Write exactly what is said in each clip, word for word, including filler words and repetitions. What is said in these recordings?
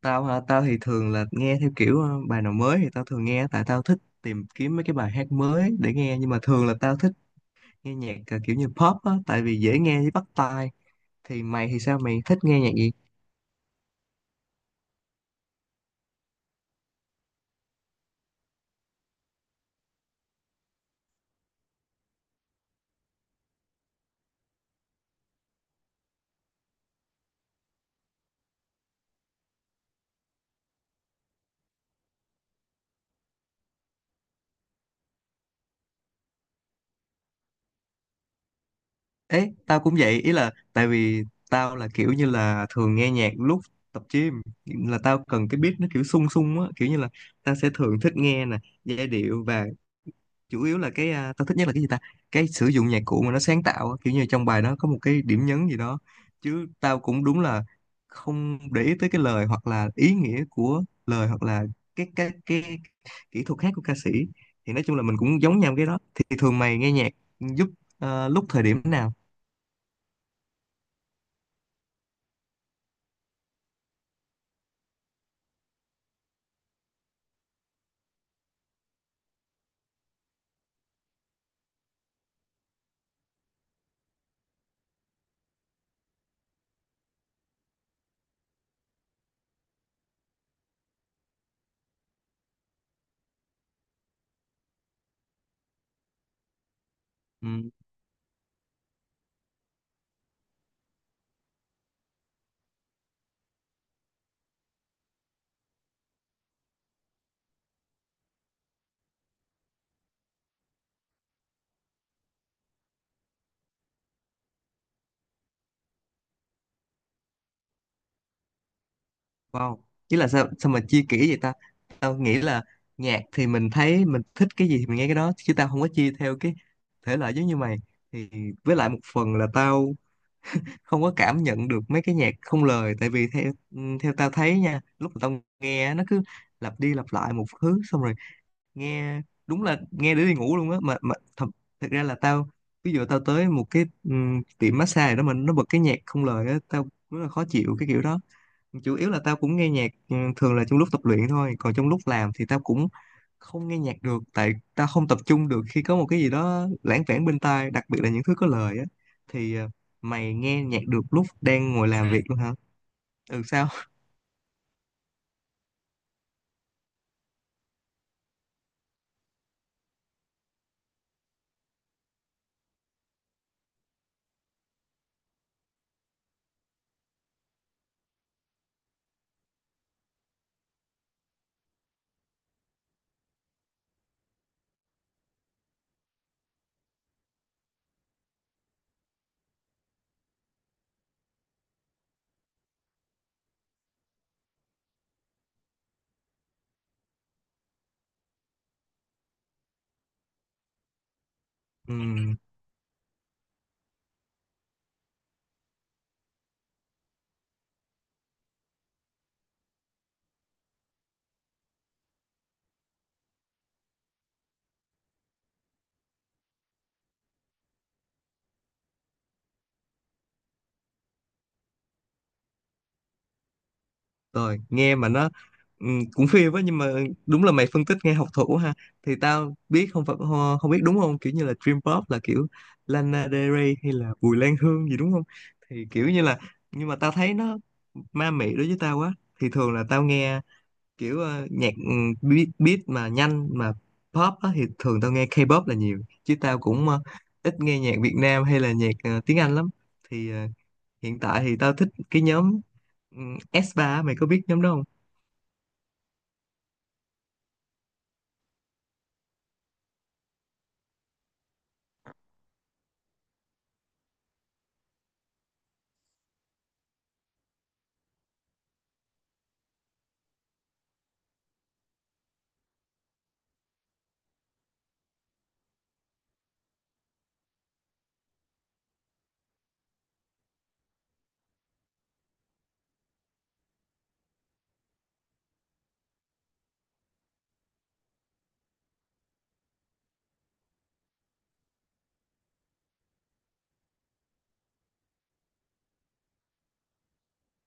tao hả Tao thì thường là nghe theo kiểu ờ, bài nào mới thì tao thường nghe, tại tao thích tìm kiếm mấy cái bài hát mới để nghe. Nhưng mà thường là tao thích nghe nhạc ờ, kiểu như pop á, tại vì dễ nghe với bắt tai. Thì mày thì sao, mày thích nghe nhạc gì? Ấy tao cũng vậy, ý là tại vì tao là kiểu như là thường nghe nhạc lúc tập gym, là tao cần cái beat nó kiểu sung sung á, kiểu như là tao sẽ thường thích nghe nè, giai điệu và chủ yếu là cái à, tao thích nhất là cái gì ta, cái sử dụng nhạc cụ mà nó sáng tạo á, kiểu như trong bài nó có một cái điểm nhấn gì đó. Chứ tao cũng đúng là không để ý tới cái lời, hoặc là ý nghĩa của lời, hoặc là cái cái cái kỹ thuật hát của ca sĩ. Thì nói chung là mình cũng giống nhau cái đó. Thì thường mày nghe nhạc giúp ờ, lúc thời điểm nào? Ừ, wow, chứ là sao sao mà chia kỹ vậy ta. Tao nghĩ là nhạc thì mình thấy mình thích cái gì thì mình nghe cái đó, chứ tao không có chia theo cái thể loại giống như mày. Thì với lại một phần là tao không có cảm nhận được mấy cái nhạc không lời, tại vì theo ừ, theo tao thấy nha, lúc mà tao nghe á, nó cứ lặp đi lặp lại một thứ, xong rồi nghe đúng là nghe để đi ngủ luôn á. Mà mà thật, thật ra là tao, ví dụ tao tới một cái ừm, tiệm massage đó mà nó bật cái nhạc không lời á, tao rất là khó chịu cái kiểu đó. Chủ yếu là tao cũng nghe nhạc ừ, thường là trong lúc tập luyện thôi, còn trong lúc làm thì tao cũng không nghe nhạc được, tại tao không tập trung được khi có một cái gì đó lãng vảng bên tai, đặc biệt là những thứ có lời á. Thì ờ, mày nghe nhạc được lúc đang ngồi làm việc luôn hả? Ừ sao? Ừ, rồi nghe mà nó ừm, cũng phê quá. Nhưng mà đúng là mày phân tích nghe học thủ ha. Thì tao biết không phải ho- không biết đúng không, kiểu như là Dream Pop là kiểu Lana Del Rey hay là Bùi Lan Hương gì đúng không. Thì kiểu như là nhưng mà tao thấy nó ma mị đối với tao quá. Thì thường là tao nghe kiểu ờ, nhạc ừm, beat, beat mà nhanh mà pop á. Thì thường tao nghe K-pop là nhiều, chứ tao cũng ờ, ít nghe nhạc Việt Nam hay là nhạc ờ, tiếng Anh lắm. Thì ờ, hiện tại thì tao thích cái nhóm ừm, ét ba á, mày có biết nhóm đó không?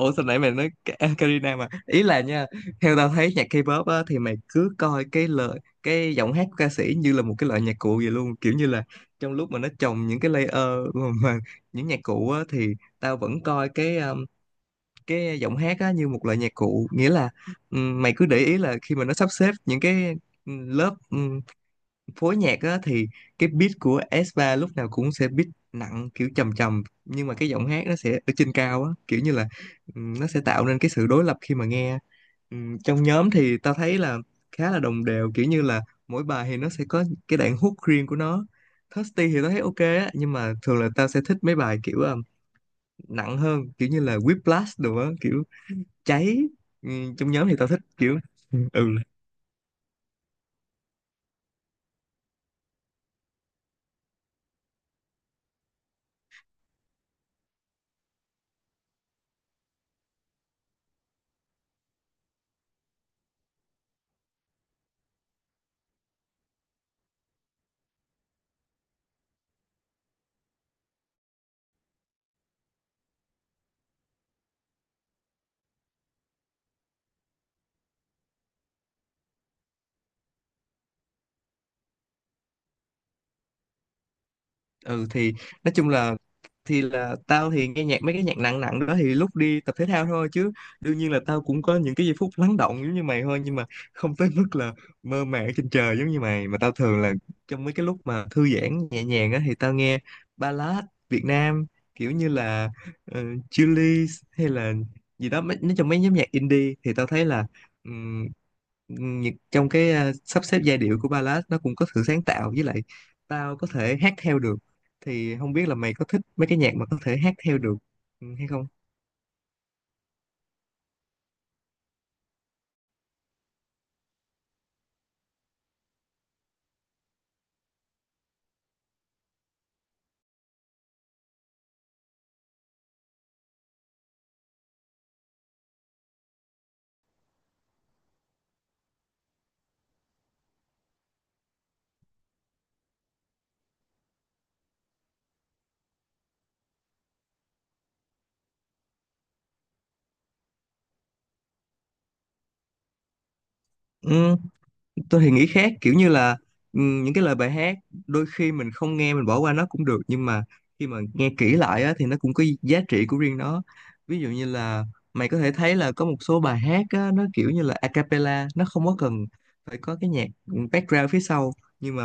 Ủa sao nãy mày nói Ka- Karina, mà ý là nha, theo tao thấy nhạc K-pop á, thì mày cứ coi cái lời, cái giọng hát của ca sĩ như là một cái loại nhạc cụ vậy luôn, kiểu như là trong lúc mà nó trồng những cái layer mà, mà những nhạc cụ á, thì tao vẫn coi cái um, cái giọng hát á, như một loại nhạc cụ. Nghĩa là ừm, mày cứ để ý là khi mà nó sắp xếp những cái ừm, lớp phối nhạc á, thì cái beat của ét ba lúc nào cũng sẽ beat nặng kiểu trầm trầm, nhưng mà cái giọng hát nó sẽ ở trên cao á, kiểu như là ừm, nó sẽ tạo nên cái sự đối lập khi mà nghe. Ừm, trong nhóm thì tao thấy là khá là đồng đều, kiểu như là mỗi bài thì nó sẽ có cái đoạn hook riêng của nó. Thirsty thì tao thấy ok á, nhưng mà thường là tao sẽ thích mấy bài kiểu ừm, nặng hơn, kiểu như là Whiplash đồ á, kiểu cháy. Ừm, trong nhóm thì tao thích kiểu ừ. Ừ thì nói chung là thì là tao thì nghe nhạc mấy cái nhạc nặng nặng đó thì lúc đi tập thể thao thôi, chứ đương nhiên là tao cũng có những cái giây phút lắng động giống như mày thôi. Nhưng mà không tới mức là mơ màng trên trời giống như mày. Mà tao thường là trong mấy cái lúc mà thư giãn nhẹ nhàng á, thì tao nghe ballad Việt Nam, kiểu như là uh, Chillies hay là gì đó. Mấy- nói chung mấy nhóm nhạc indie thì tao thấy là ừm, những- trong cái ờ, sắp xếp giai điệu của ballad nó cũng có sự sáng tạo, với lại tao có thể hát theo được. Thì không biết là mày có thích mấy cái nhạc mà có thể hát theo được ừ, hay không? Ừ, tôi thì nghĩ khác, kiểu như là ừm, những cái lời bài hát đôi khi mình không nghe, mình bỏ qua nó cũng được. Nhưng mà khi mà nghe kỹ lại á, thì nó cũng có giá trị của riêng nó. Ví dụ như là mày có thể thấy là có một số bài hát á, nó kiểu như là a cappella, nó không có cần phải có cái nhạc ừ, background phía sau. Nhưng mà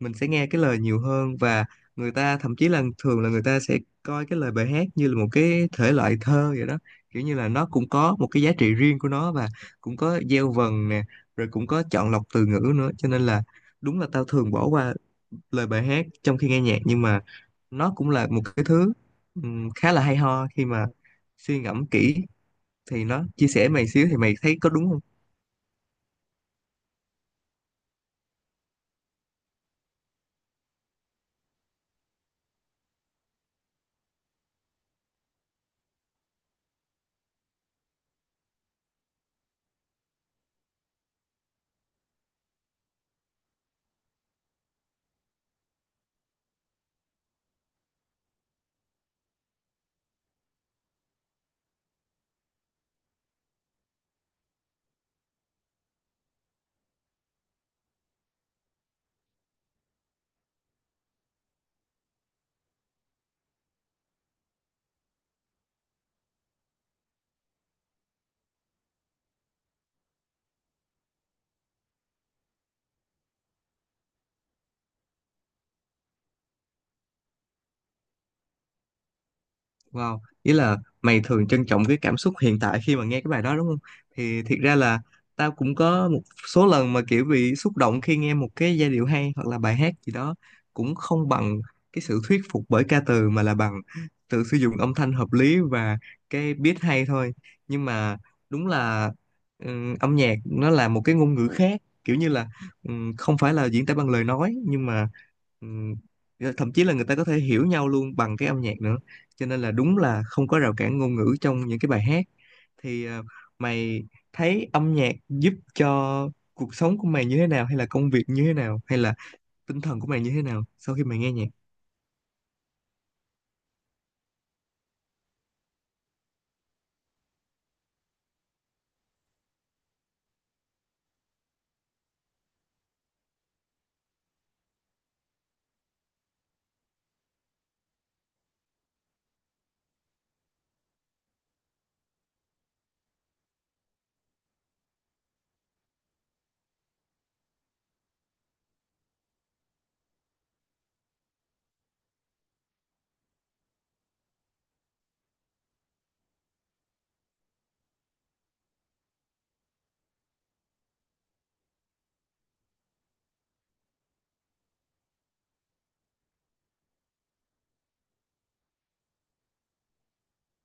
mình sẽ nghe cái lời nhiều hơn, và người ta thậm chí là thường là người ta sẽ coi cái lời bài hát như là một cái thể loại thơ vậy đó, kiểu như là nó cũng có một cái giá trị riêng của nó, và cũng có gieo vần nè, rồi cũng có chọn lọc từ ngữ nữa. Cho nên là đúng là tao thường bỏ qua lời bài hát trong khi nghe nhạc, nhưng mà nó cũng là một cái thứ ừm, khá là hay ho khi mà suy ngẫm kỹ. Thì nó chia sẻ mày xíu, thì mày thấy có đúng không? Wow, ý là mày thường trân trọng cái cảm xúc hiện tại khi mà nghe cái bài đó đúng không? Thì thiệt ra là tao cũng có một số lần mà kiểu bị xúc động khi nghe một cái giai điệu hay hoặc là bài hát gì đó, cũng không bằng cái sự thuyết phục bởi ca từ, mà là bằng tự sử dụng âm thanh hợp lý và cái beat hay thôi. Nhưng mà đúng là ừm, âm nhạc nó là một cái ngôn ngữ khác, kiểu như là ừm, không phải là diễn tả bằng lời nói, nhưng mà ừm, thậm chí là người ta có thể hiểu nhau luôn bằng cái âm nhạc nữa. Cho nên là đúng là không có rào cản ngôn ngữ trong những cái bài hát. Thì ờ, mày thấy âm nhạc giúp cho cuộc sống của mày như thế nào, hay là công việc như thế nào, hay là tinh thần của mày như thế nào sau khi mày nghe nhạc?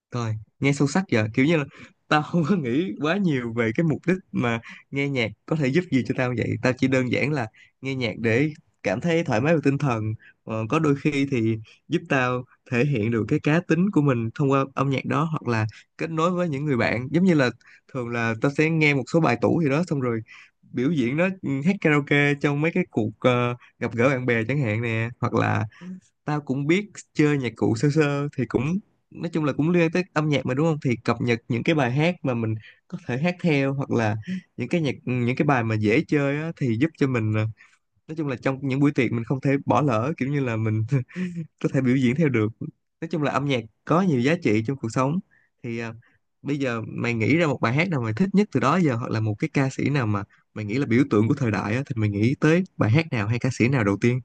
Coi, nghe sâu sắc giờ, kiểu như là tao không có nghĩ quá nhiều về cái mục đích mà nghe nhạc có thể giúp gì cho tao vậy. Tao chỉ đơn giản là nghe nhạc để cảm thấy thoải mái về tinh thần. Ờ, có đôi khi thì giúp tao thể hiện được cái cá tính của mình thông qua âm nhạc đó, hoặc là kết nối với những người bạn, giống như là thường là tao sẽ nghe một số bài tủ gì đó, xong rồi biểu diễn nó, ừ, hát karaoke trong mấy cái cuộc ờ, gặp gỡ bạn bè chẳng hạn nè. Hoặc là tao cũng biết chơi nhạc cụ sơ sơ, thì cũng nói chung là cũng liên tới âm nhạc mà đúng không. Thì cập nhật những cái bài hát mà mình có thể hát theo, hoặc là những cái nhạc những cái bài mà dễ chơi á, thì giúp cho mình ờ, nói chung là trong những buổi tiệc mình không thể bỏ lỡ, kiểu như là mình có thể biểu diễn theo được. Nói chung là âm nhạc có nhiều giá trị trong cuộc sống. Thì ờ, bây giờ mày nghĩ ra một bài hát nào mày thích nhất từ đó giờ, hoặc là một cái ca sĩ nào mà mày nghĩ là biểu tượng của thời đại á, thì mày nghĩ tới bài hát nào hay ca sĩ nào đầu tiên?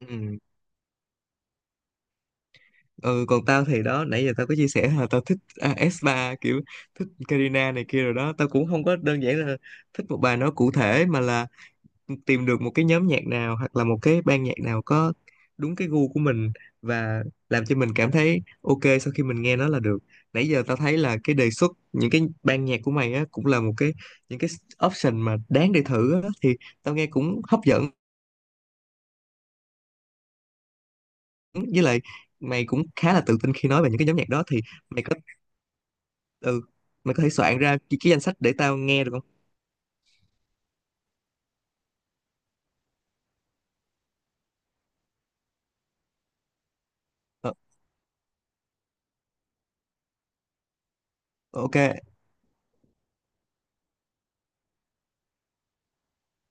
Ừ. Ừ, còn tao thì đó, nãy giờ tao có chia sẻ là tao thích à, ét ba kiểu, thích Karina này kia rồi đó. Tao cũng không có đơn giản là thích một bài nó cụ thể, mà là tìm được một cái nhóm nhạc nào hoặc là một cái ban nhạc nào có đúng cái gu của mình, và làm cho mình cảm thấy ok sau khi mình nghe nó là được. Nãy giờ tao thấy là cái đề xuất những cái ban nhạc của mày á cũng là một cái những cái option mà đáng để thử á, thì tao nghe cũng hấp dẫn. Với lại mày cũng khá là tự tin khi nói về những cái nhóm nhạc đó, thì mày có, ừ, mày có thể soạn ra cái, cái danh sách để tao nghe được không? Ờ, ok.